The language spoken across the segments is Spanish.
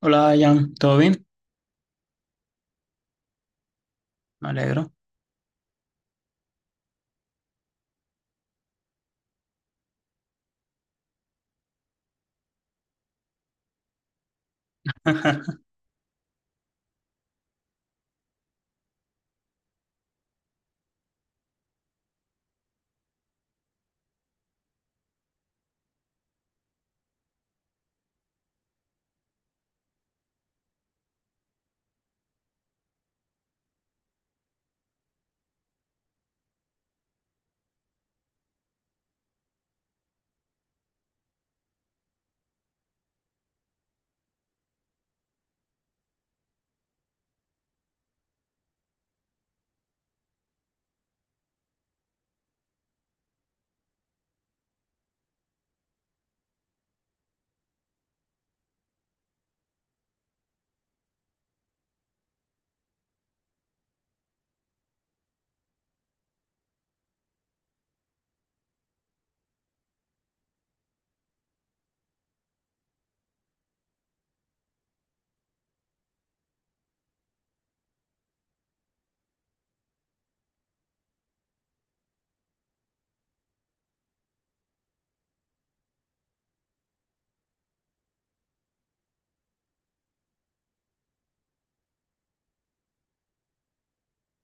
Hola, Jan, ¿todo bien? Me alegro.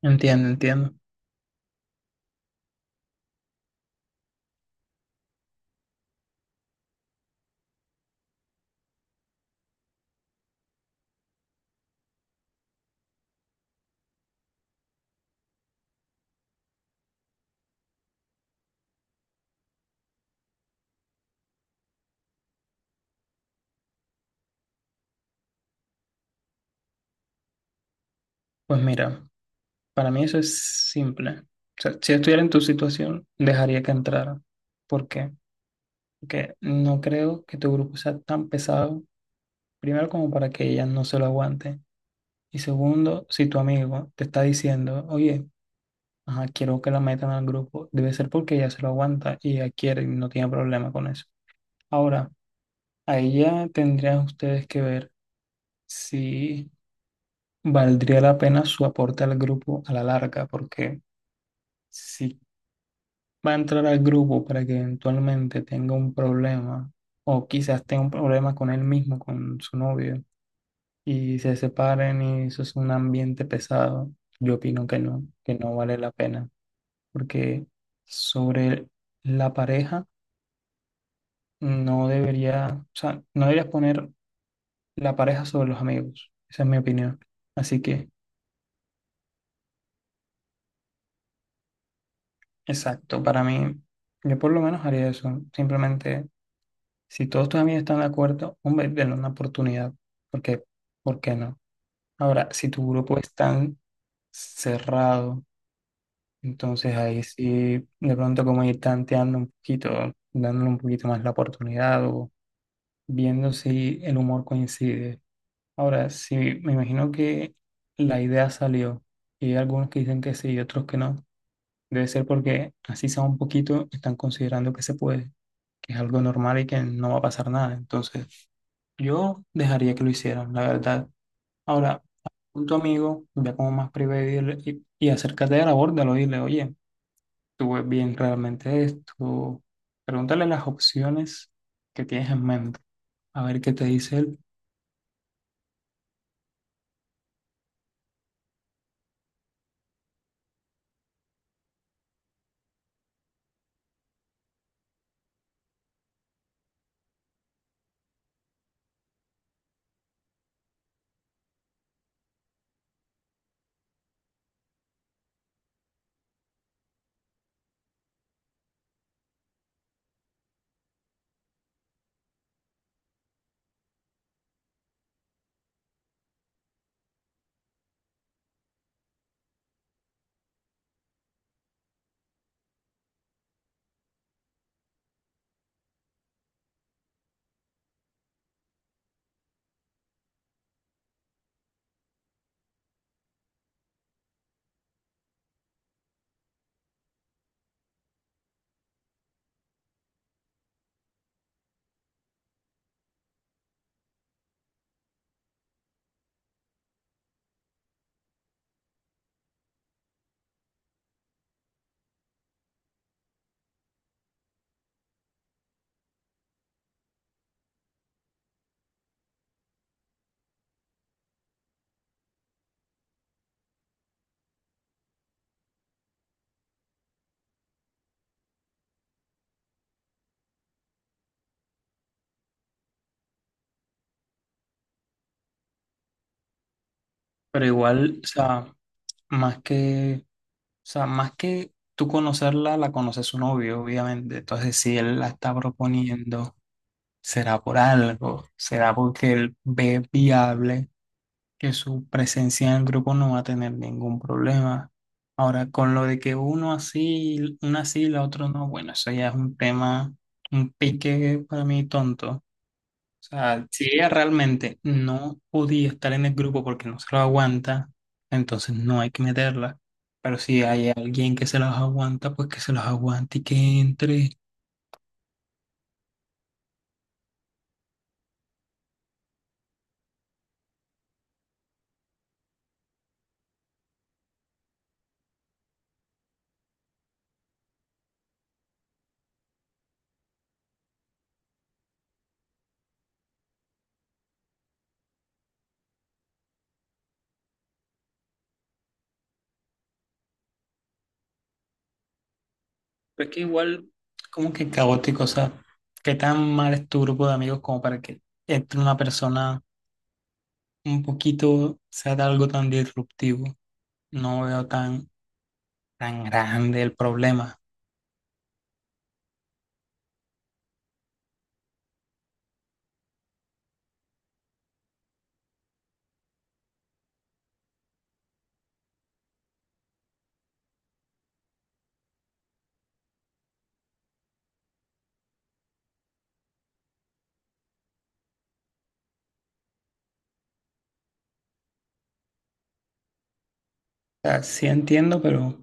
Entiendo, entiendo. Pues mira, para mí eso es simple. O sea, si yo estuviera en tu situación, dejaría que entrara. ¿Por qué? Porque no creo que tu grupo sea tan pesado, primero como para que ella no se lo aguante. Y segundo, si tu amigo te está diciendo, oye, ajá, quiero que la metan al grupo, debe ser porque ella se lo aguanta y ella quiere y no tiene problema con eso. Ahora, ahí ya tendrían ustedes que ver si valdría la pena su aporte al grupo a la larga, porque si va a entrar al grupo para que eventualmente tenga un problema, o quizás tenga un problema con él mismo, con su novio, y se separen y eso es un ambiente pesado, yo opino que no vale la pena, porque sobre la pareja no debería, o sea, no deberías poner la pareja sobre los amigos, esa es mi opinión. Así que... Exacto, para mí, yo por lo menos haría eso. Simplemente, si todos tus amigos están de acuerdo, hombre, denle una oportunidad, porque, ¿por qué no? Ahora, si tu grupo es tan cerrado, entonces ahí sí, de pronto como ir tanteando un poquito, dándole un poquito más la oportunidad o viendo si el humor coincide. Ahora, si me imagino que la idea salió y hay algunos que dicen que sí y otros que no, debe ser porque así sea un poquito, están considerando que se puede. Que es algo normal y que no va a pasar nada. Entonces, yo dejaría que lo hicieran, la verdad. Ahora, con tu amigo, ya como más privado, y acércate a la borda, lo dile, oye, tú ves bien realmente esto. Pregúntale las opciones que tienes en mente, a ver qué te dice él. Pero igual, o sea, o sea, más que tú conocerla, la conoce su novio, obviamente. Entonces, si él la está proponiendo, será por algo, será porque él ve viable que su presencia en el grupo no va a tener ningún problema. Ahora, con lo de que uno así, una sí y la otra no, bueno, eso ya es un tema, un pique para mí tonto. O sea, si ella realmente no podía estar en el grupo porque no se lo aguanta, entonces no hay que meterla. Pero si hay alguien que se los aguanta, pues que se los aguante y que entre. Pero es que igual, como que caótico, o sea, qué tan mal es tu grupo de amigos como para que entre una persona un poquito sea de algo tan disruptivo. No veo tan, tan grande el problema. O sea, sí entiendo, pero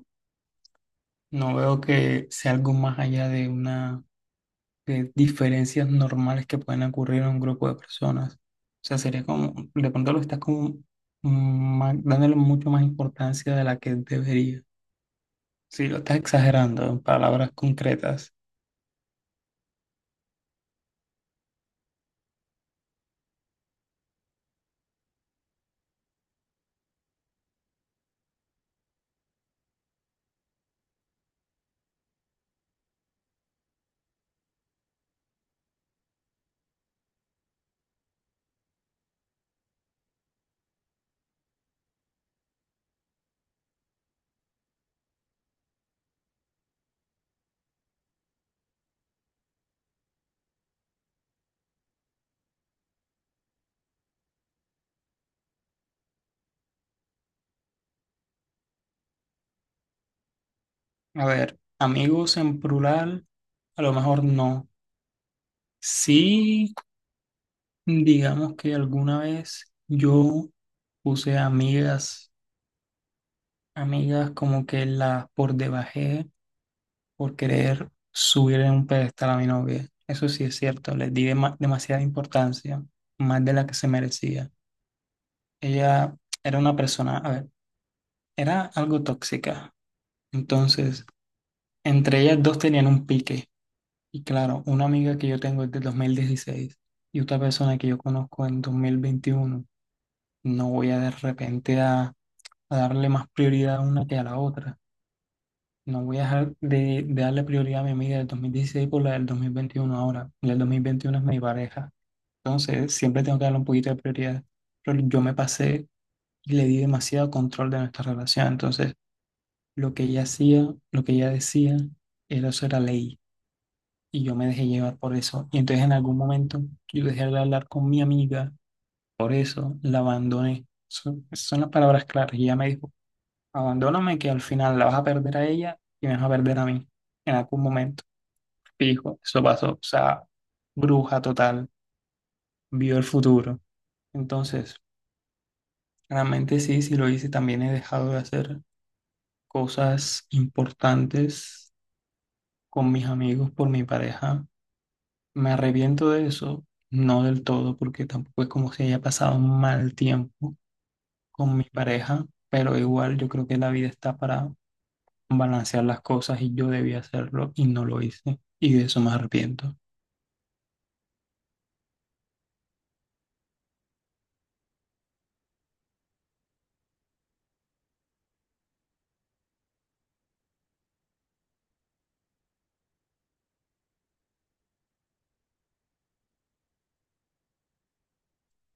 no veo que sea algo más allá de una de diferencias normales que pueden ocurrir en un grupo de personas. O sea, sería como, de pronto lo estás como dándole mucho más importancia de la que debería. Sí, lo estás exagerando en palabras concretas. A ver, amigos en plural, a lo mejor no. Sí. Digamos que alguna vez yo puse amigas, amigas como que las por debajé por querer subir en un pedestal a mi novia. Eso sí es cierto, les di demasiada importancia, más de la que se merecía. Ella era una persona, a ver, era algo tóxica. Entonces, entre ellas dos tenían un pique. Y claro, una amiga que yo tengo es de 2016 y otra persona que yo conozco en 2021. No voy a de repente a darle más prioridad a una que a la otra. No voy a dejar de darle prioridad a mi amiga del 2016 por la del 2021 ahora. La del 2021 es mi pareja. Entonces, siempre tengo que darle un poquito de prioridad. Pero yo me pasé y le di demasiado control de nuestra relación. Entonces, lo que ella hacía, lo que ella decía, eso era ley. Y yo me dejé llevar por eso. Y entonces en algún momento yo dejé de hablar con mi amiga. Por eso la abandoné. Son las palabras claras. Y ella me dijo, abandóname que al final la vas a perder a ella y me vas a perder a mí en algún momento. Fijo, eso pasó. O sea, bruja total, vio el futuro. Entonces, realmente sí, sí lo hice. También he dejado de hacer cosas importantes con mis amigos por mi pareja. Me arrepiento de eso, no del todo, porque tampoco es como si haya pasado un mal tiempo con mi pareja, pero igual yo creo que la vida está para balancear las cosas y yo debía hacerlo y no lo hice. Y de eso me arrepiento.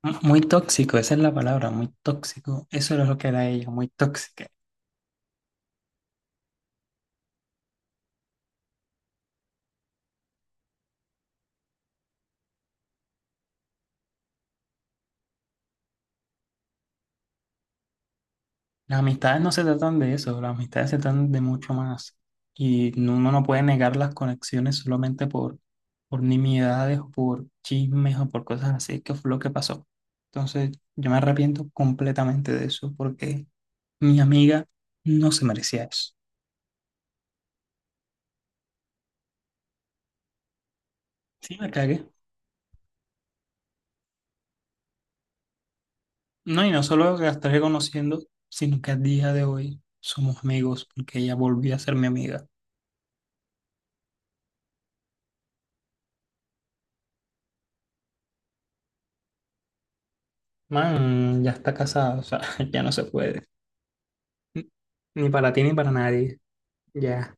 Muy tóxico, esa es la palabra, muy tóxico. Eso era lo que era ella, muy tóxica. Las amistades no se tratan de eso, las amistades se tratan de mucho más. Uno no puede negar las conexiones solamente por nimiedades o por chismes o por cosas así, que fue lo que pasó. Entonces, yo me arrepiento completamente de eso porque mi amiga no se merecía eso. Sí, me cagué. No, y no solo que la estaré conociendo, sino que a día de hoy somos amigos porque ella volvió a ser mi amiga. Man, ya está casada, o sea, ya no se puede. N- Ni para ti ni para nadie. Ya.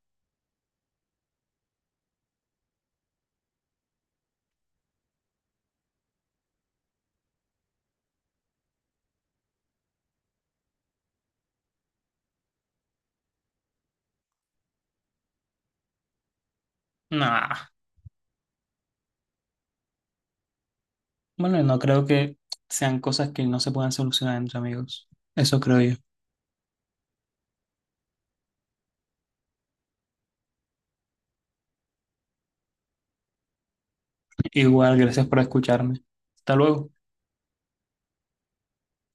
Nah. Bueno, no creo que sean cosas que no se puedan solucionar entre amigos. Eso creo yo. Igual, gracias por escucharme. Hasta luego.